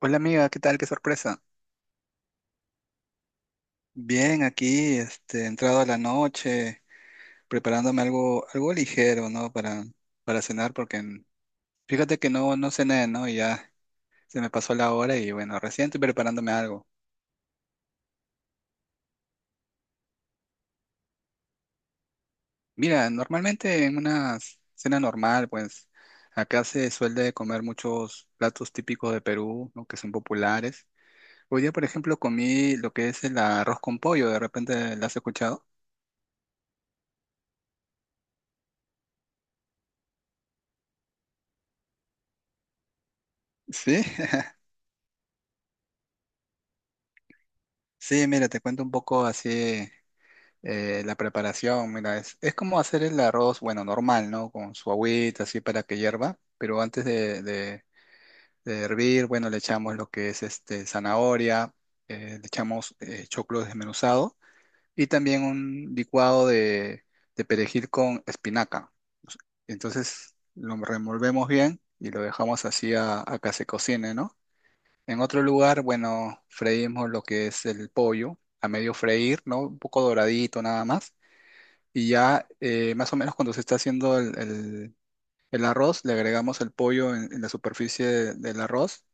Hola amiga, ¿qué tal? Qué sorpresa. Bien, aquí, entrado a la noche, preparándome algo ligero, ¿no? Para cenar, fíjate que no cené, ¿no? Y ya se me pasó la hora y bueno, recién estoy preparándome algo. Mira, normalmente en una cena normal, pues, acá se suele comer muchos platos típicos de Perú, ¿no? Que son populares. Hoy día, por ejemplo, comí lo que es el arroz con pollo, ¿de repente lo has escuchado? Sí, sí, mira, te cuento un poco así. La preparación, mira, es como hacer el arroz, bueno, normal, ¿no? Con su agüita, así para que hierva, pero antes de hervir, bueno, le echamos lo que es zanahoria, le echamos choclo desmenuzado y también un licuado de perejil con espinaca. Entonces lo revolvemos bien y lo dejamos así a que se cocine, ¿no? En otro lugar, bueno, freímos lo que es el pollo a medio freír, ¿no? Un poco doradito nada más y ya más o menos cuando se está haciendo el arroz, le agregamos el pollo en la superficie del arroz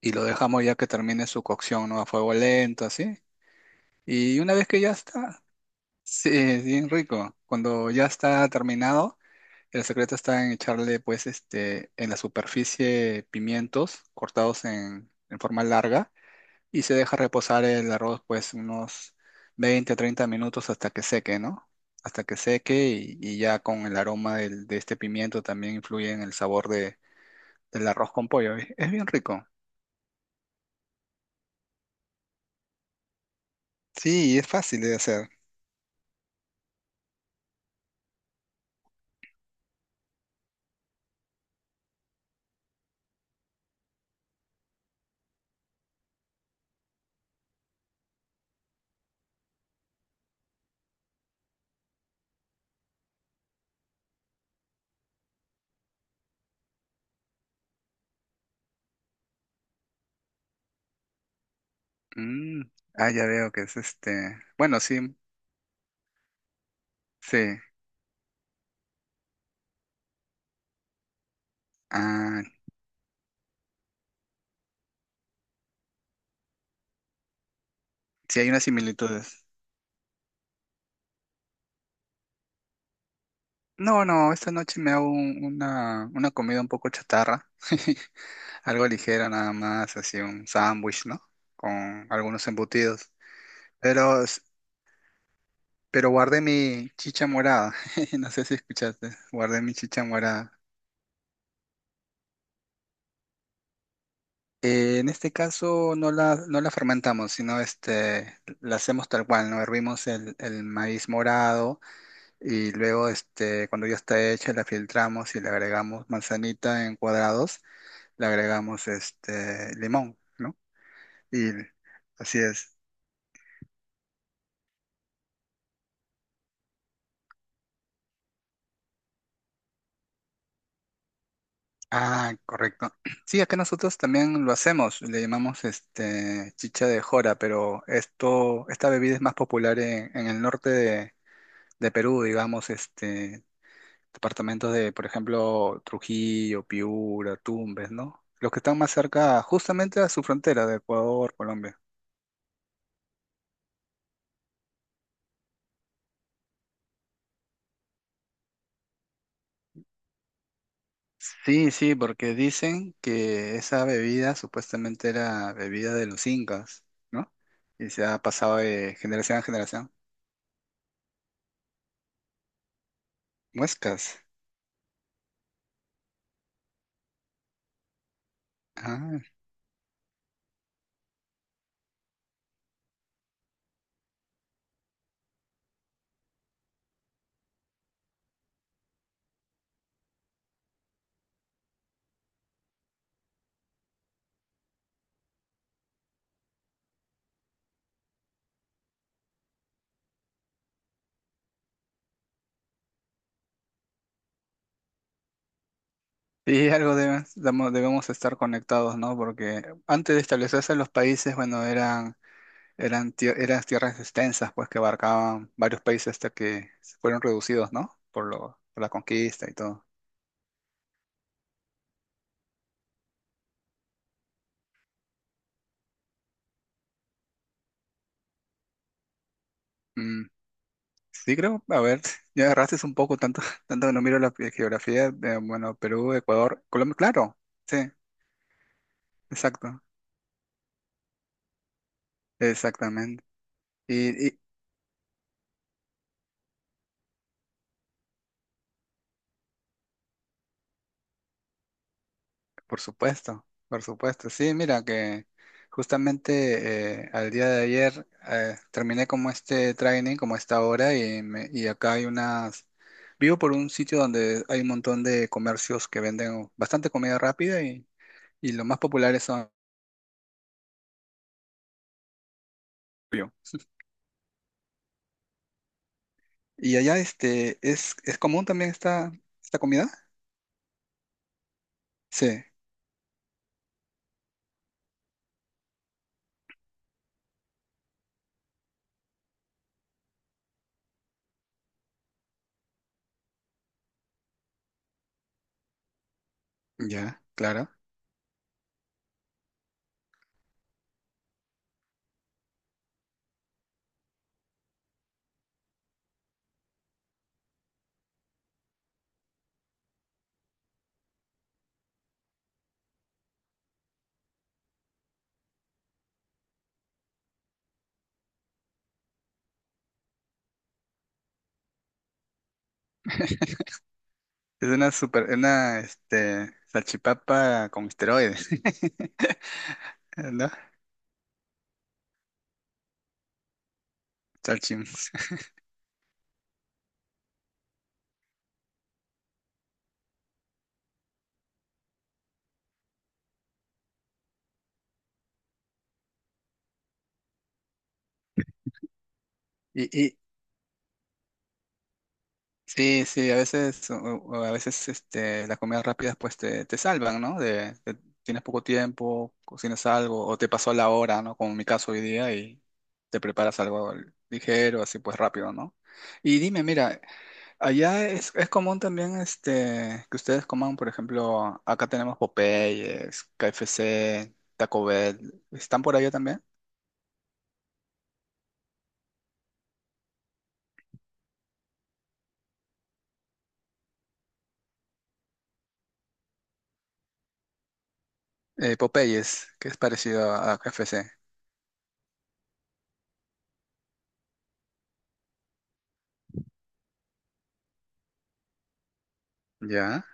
y lo dejamos ya que termine su cocción, ¿no? A fuego lento, así. Y una vez que ya está, sí, es bien rico. Cuando ya está terminado, el secreto está en echarle, pues, en la superficie pimientos cortados en forma larga y se deja reposar el arroz pues unos 20 30 minutos hasta que seque, ¿no? Hasta que seque y ya con el aroma de este pimiento también influye en el sabor del arroz con pollo. Es bien rico. Sí, y es fácil de hacer. Mm, ah, ya veo que es este. Bueno, sí, sí. Ah, sí hay unas similitudes. No, no, esta noche me hago una comida un poco chatarra. Algo ligera nada más, así un sándwich, ¿no? Con algunos embutidos. Pero, s- pero guardé mi chicha morada. No sé si escuchaste. Guardé mi chicha morada. En este caso no la fermentamos, sino la hacemos tal cual, ¿no? Hervimos el maíz morado y luego cuando ya está hecha la filtramos y le agregamos manzanita en cuadrados, le agregamos limón, ¿no? Y así es. Ah, correcto. Sí, acá nosotros también lo hacemos, le llamamos chicha de jora, pero esta bebida es más popular en el norte de Perú, digamos, departamentos de, por ejemplo, Trujillo, Piura, Tumbes, ¿no? Los que están más cerca, justamente a su frontera de Ecuador, Colombia. Sí, sí, porque dicen que esa bebida supuestamente era bebida de los incas, ¿no? Y se ha pasado de generación a generación. Muescas. Ah, sí, algo debemos estar conectados, ¿no? Porque antes de establecerse los países, bueno, eran tierras extensas, pues que abarcaban varios países hasta que se fueron reducidos, ¿no? Por la conquista y todo. Mm, sí, creo, a ver, ya agarraste un poco, tanto, tanto que no miro la geografía, de, bueno, Perú, Ecuador, Colombia, claro, sí, exacto, exactamente. Y por supuesto, por supuesto. Sí, mira que justamente al día de ayer terminé como este training, como esta hora, y acá hay unas. Vivo por un sitio donde hay un montón de comercios que venden bastante comida rápida y los más populares son. Y allá ¿es común también esta comida? Sí, ya, claro. Es una salchipapa con esteroides, ¿no? Salchim. Y sí, sí, a veces, o a veces las comidas rápidas pues te salvan, ¿no? Tienes poco tiempo, cocinas algo, o te pasó la hora, ¿no? Como en mi caso hoy día, y te preparas algo ligero, así pues rápido, ¿no? Y dime, mira, allá es común también que ustedes coman, por ejemplo, acá tenemos Popeyes, KFC, Taco Bell, ¿están por allá también? Popeyes, que es parecido a KFC, ¿ya?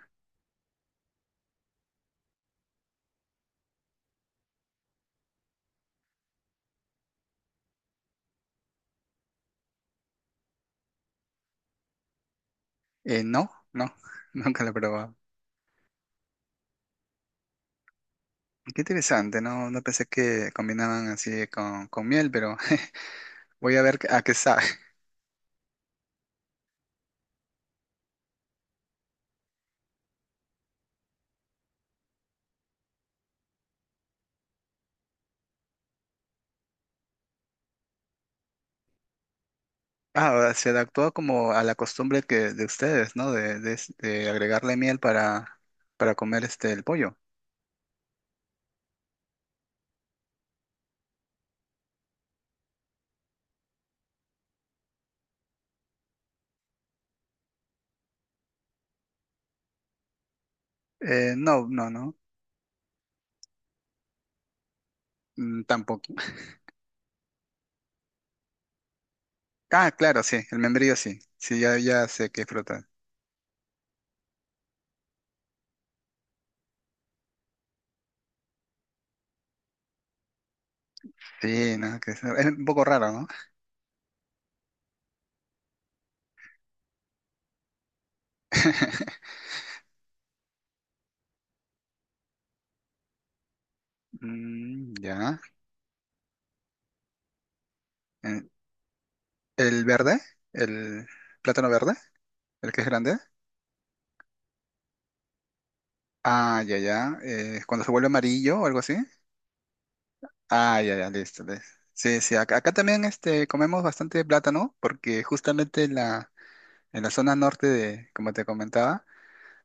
No, no, nunca lo he probado. Qué interesante, no, no pensé que combinaban así con miel, pero voy a ver a qué sabe. Ah, o sea, se adaptó como a la costumbre que de ustedes, ¿no? De agregarle miel para comer el pollo. No, no, no, mm, tampoco. Ah, claro, sí, el membrillo sí. Sí, ya, ya sé qué fruta. Sí, no, que es un poco raro, ¿no? Mm, ya. Eh, ¿El verde? ¿El plátano verde? ¿El que es grande? Ah, ya, ya. Cuando se vuelve amarillo o algo así. Ah, ya, ya, listo. Listo. Sí, sí, acá también comemos bastante plátano porque justamente en la zona norte de, como te comentaba,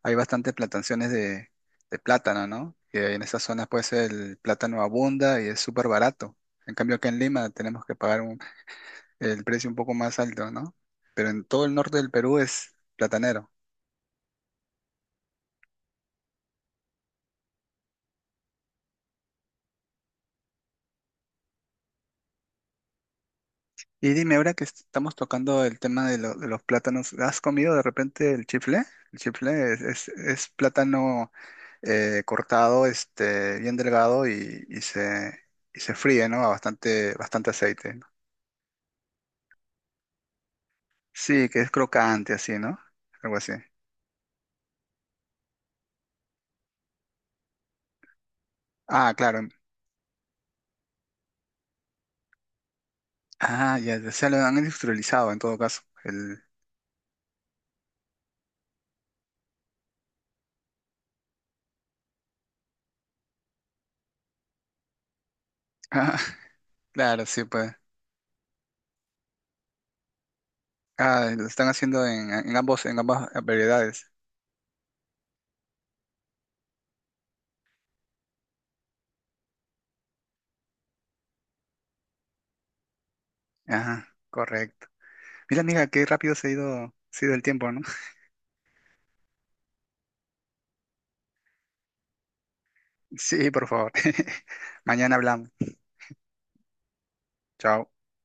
hay bastantes plantaciones de plátano, ¿no? Que en esas zonas pues el plátano abunda y es súper barato. En cambio acá en Lima tenemos que pagar el precio un poco más alto, ¿no? Pero en todo el norte del Perú es platanero. Y dime, ahora que estamos tocando el tema de los plátanos, ¿has comido de repente el chifle? El chifle es plátano cortado, bien delgado y se fríe, ¿no? A bastante, bastante aceite, ¿no? Sí, que es crocante así, ¿no? Algo así. Ah, claro. Ah, ya, ya se lo han industrializado en todo caso. Ah, claro, sí, pues. Ah, lo están haciendo en ambas variedades. Ajá, correcto. Mira, amiga, qué rápido se ha ido el tiempo, ¿no? Sí, por favor. Mañana hablamos. Chao.